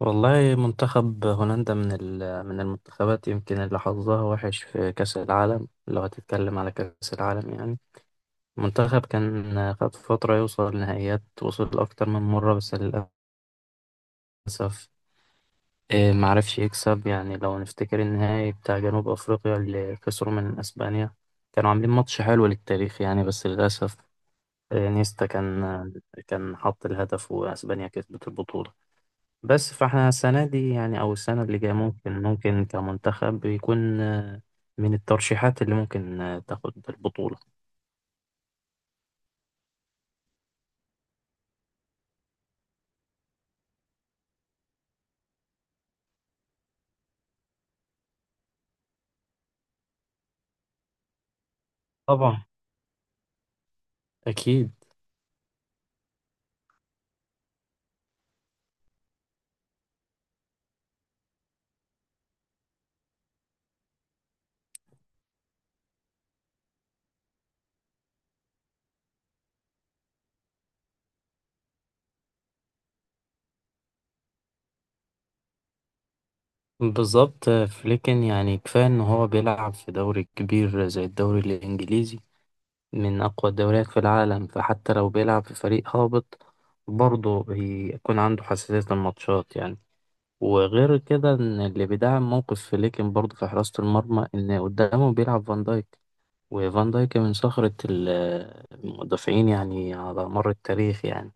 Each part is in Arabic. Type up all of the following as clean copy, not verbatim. والله منتخب هولندا من المنتخبات يمكن اللي حظها وحش في كأس العالم لو هتتكلم على كأس العالم يعني. منتخب كان خد فترة يوصل نهائيات، وصل أكتر من مرة، بس للأسف معرفش يكسب يعني. لو نفتكر النهائي بتاع جنوب أفريقيا اللي خسروا من أسبانيا، كانوا عاملين ماتش حلو للتاريخ يعني، بس للأسف نيستا كان حط الهدف وأسبانيا كسبت البطولة. بس فاحنا السنة دي يعني أو السنة اللي جاية ممكن كمنتخب يكون من الترشيحات اللي ممكن تاخد البطولة. طبعا. أكيد. بالظبط. فليكن يعني كفاية إن هو بيلعب في دوري كبير زي الدوري الإنجليزي، من أقوى الدوريات في العالم، فحتى لو بيلعب في فريق هابط برضه يكون عنده حساسية الماتشات يعني. وغير كده إن اللي بيدعم موقف فليكن برضه في حراسة المرمى إن قدامه بيلعب فان دايك. وفان دايك من صخرة المدافعين يعني على مر التاريخ يعني.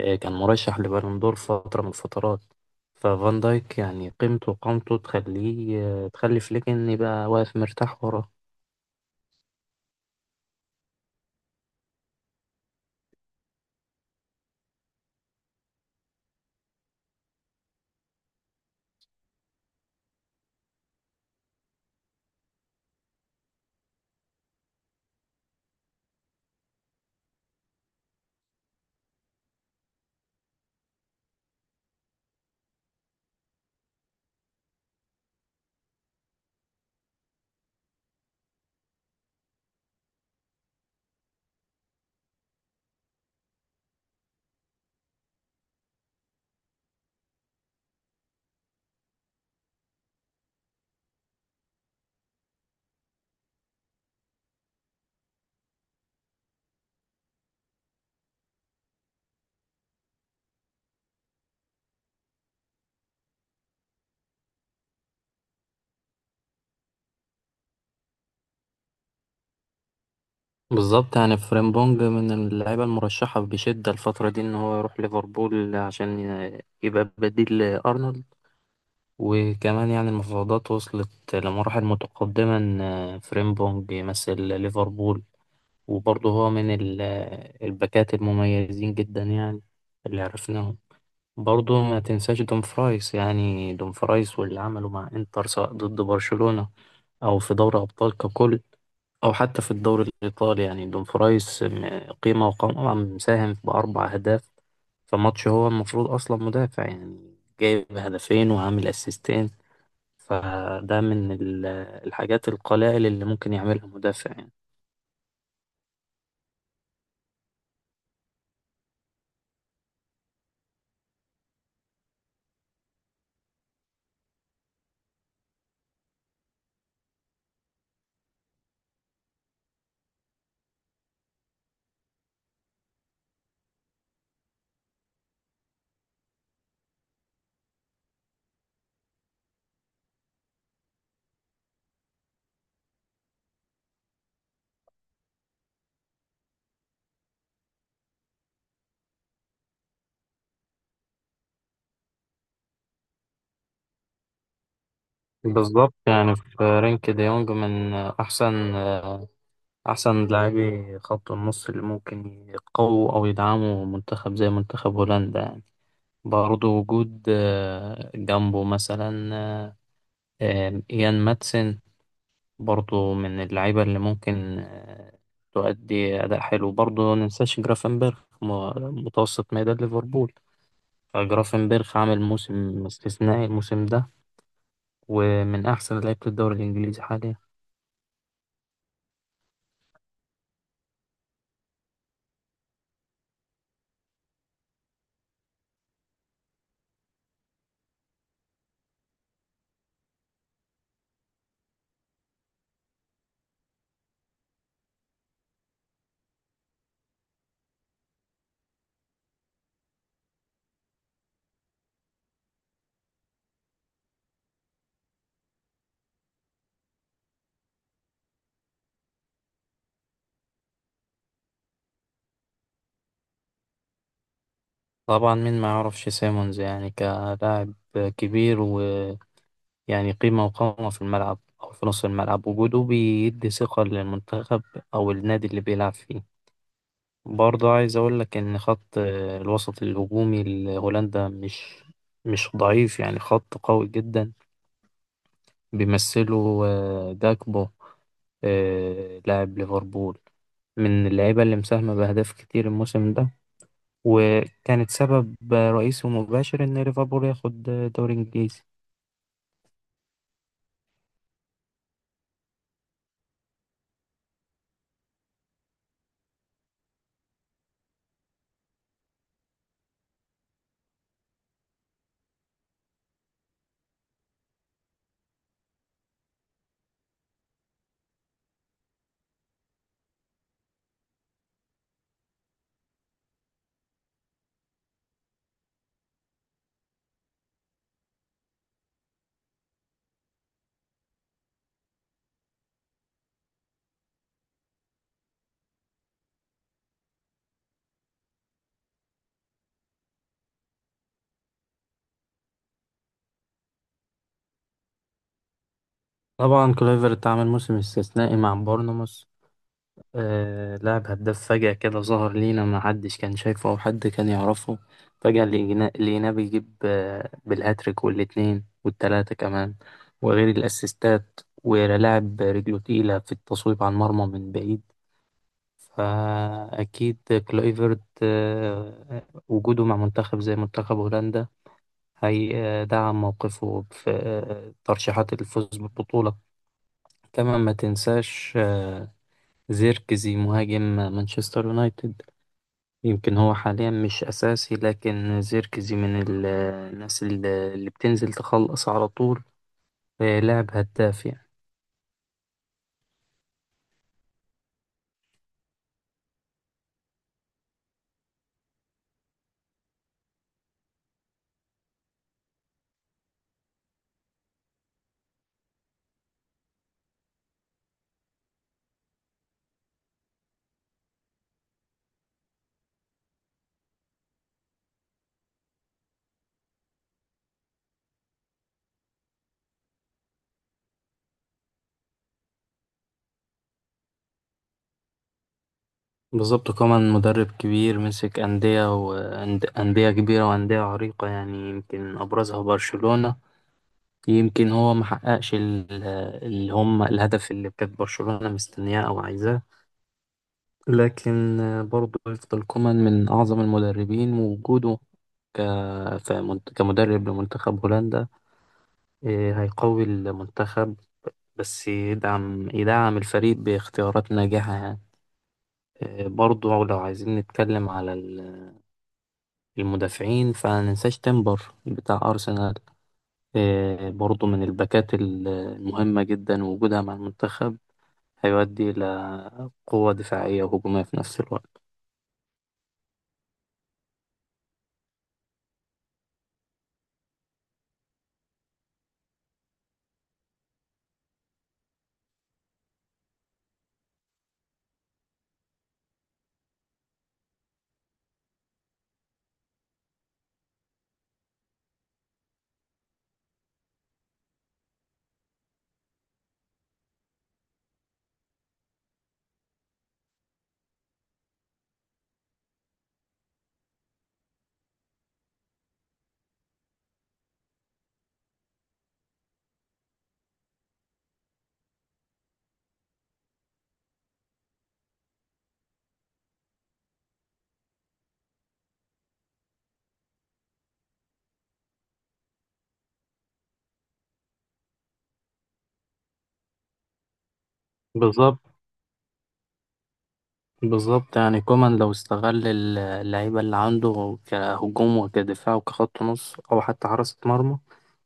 كان مرشح لبالون دور فترة من الفترات. ففان دايك يعني قيمته وقامته تخلي فليك إن يبقى واقف مرتاح وراه. بالظبط يعني فريمبونج من اللعيبة المرشحة بشدة الفترة دي إن هو يروح ليفربول عشان يبقى بديل لأرنولد. وكمان يعني المفاوضات وصلت لمراحل متقدمة إن فريمبونج يمثل ليفربول. وبرضه هو من الباكات المميزين جدا يعني، اللي عرفناهم. برضه ما تنساش دومفرايس يعني. دومفرايس واللي عمله مع انتر سواء ضد برشلونة أو في دوري أبطال ككل أو حتى في الدوري الإيطالي، يعني دومفرايس قيمة وقامة، مساهم بأربع أهداف في ماتش هو المفروض أصلا مدافع يعني، جايب هدفين وعامل أسيستين. فده من الحاجات القلائل اللي ممكن يعملها مدافع يعني. بالظبط يعني في رينك دي يونج من أحسن لاعبي خط النص اللي ممكن يقووا أو يدعموا منتخب زي منتخب هولندا يعني. برضه وجود جنبه مثلا إيان ماتسن، برضه من اللعيبة اللي ممكن تؤدي أداء حلو. برضه مننساش جرافنبرخ متوسط ميدان ليفربول. فجرافنبرخ عامل موسم استثنائي الموسم ده، ومن أحسن لعيبة الدوري الإنجليزي حاليا. طبعا، مين ما يعرفش سيمونز يعني؟ كلاعب كبير، ويعني قيمة وقامة في الملعب أو في نص الملعب، وجوده بيدي ثقة للمنتخب أو النادي اللي بيلعب فيه. برضه عايز أقول لك إن خط الوسط الهجومي لهولندا مش ضعيف يعني، خط قوي جدا، بيمثله جاكبو، لاعب ليفربول، من اللعيبة اللي مساهمة بأهداف كتير الموسم ده، وكانت سبب رئيسي ومباشر إن ليفربول ياخد دوري إنجليزي. طبعا كلويفرت عمل موسم استثنائي مع بورنموث. لاعب هداف، فجأة كده ظهر لينا، ما حدش كان شايفه أو حد كان يعرفه. فجأة لقيناه بيجيب بالهاتريك والاتنين والتلاتة كمان، وغير الأسيستات، ولاعب رجله تقيلة في التصويب على المرمى من بعيد. فأكيد كلويفرت وجوده مع منتخب زي منتخب هولندا هيدعم موقفه في ترشيحات الفوز بالبطولة. طبعا ما تنساش زيركزي مهاجم مانشستر يونايتد. يمكن هو حاليا مش أساسي، لكن زيركزي من الناس اللي بتنزل تخلص على طول، لاعب هداف يعني. بالظبط، كمان مدرب كبير، مسك أندية وأندية كبيرة وأندية عريقة يعني، يمكن أبرزها برشلونة. يمكن هو محققش اللي هم الهدف اللي كانت برشلونة مستنياه أو عايزاه، لكن برضه يفضل كومان من أعظم المدربين، ووجوده ك... كمدرب لمنتخب هولندا، إيه، هيقوي المنتخب، بس يدعم الفريق باختيارات ناجحة يعني. إيه، برضو لو عايزين نتكلم على المدافعين، فمننساش تيمبر بتاع أرسنال. إيه، برضو من الباكات المهمة جدا، وجودها مع المنتخب هيؤدي إلى قوة دفاعية وهجومية في نفس الوقت. بالظبط. بالظبط يعني كومان لو استغل اللعيبة اللي عنده كهجوم وكدفاع وكخط نص أو حتى حراسة مرمى،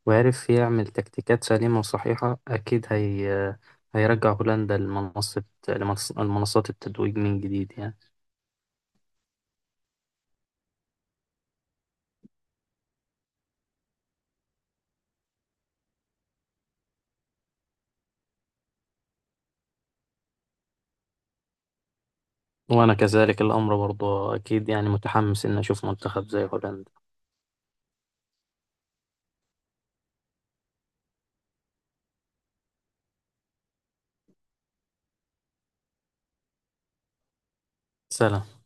وعرف يعمل تكتيكات سليمة وصحيحة، أكيد هيرجع هولندا لمنصة لمنصات التتويج من جديد يعني. وأنا كذلك الأمر، برضه أكيد يعني متحمس إن أشوف منتخب زي هولندا. سلام.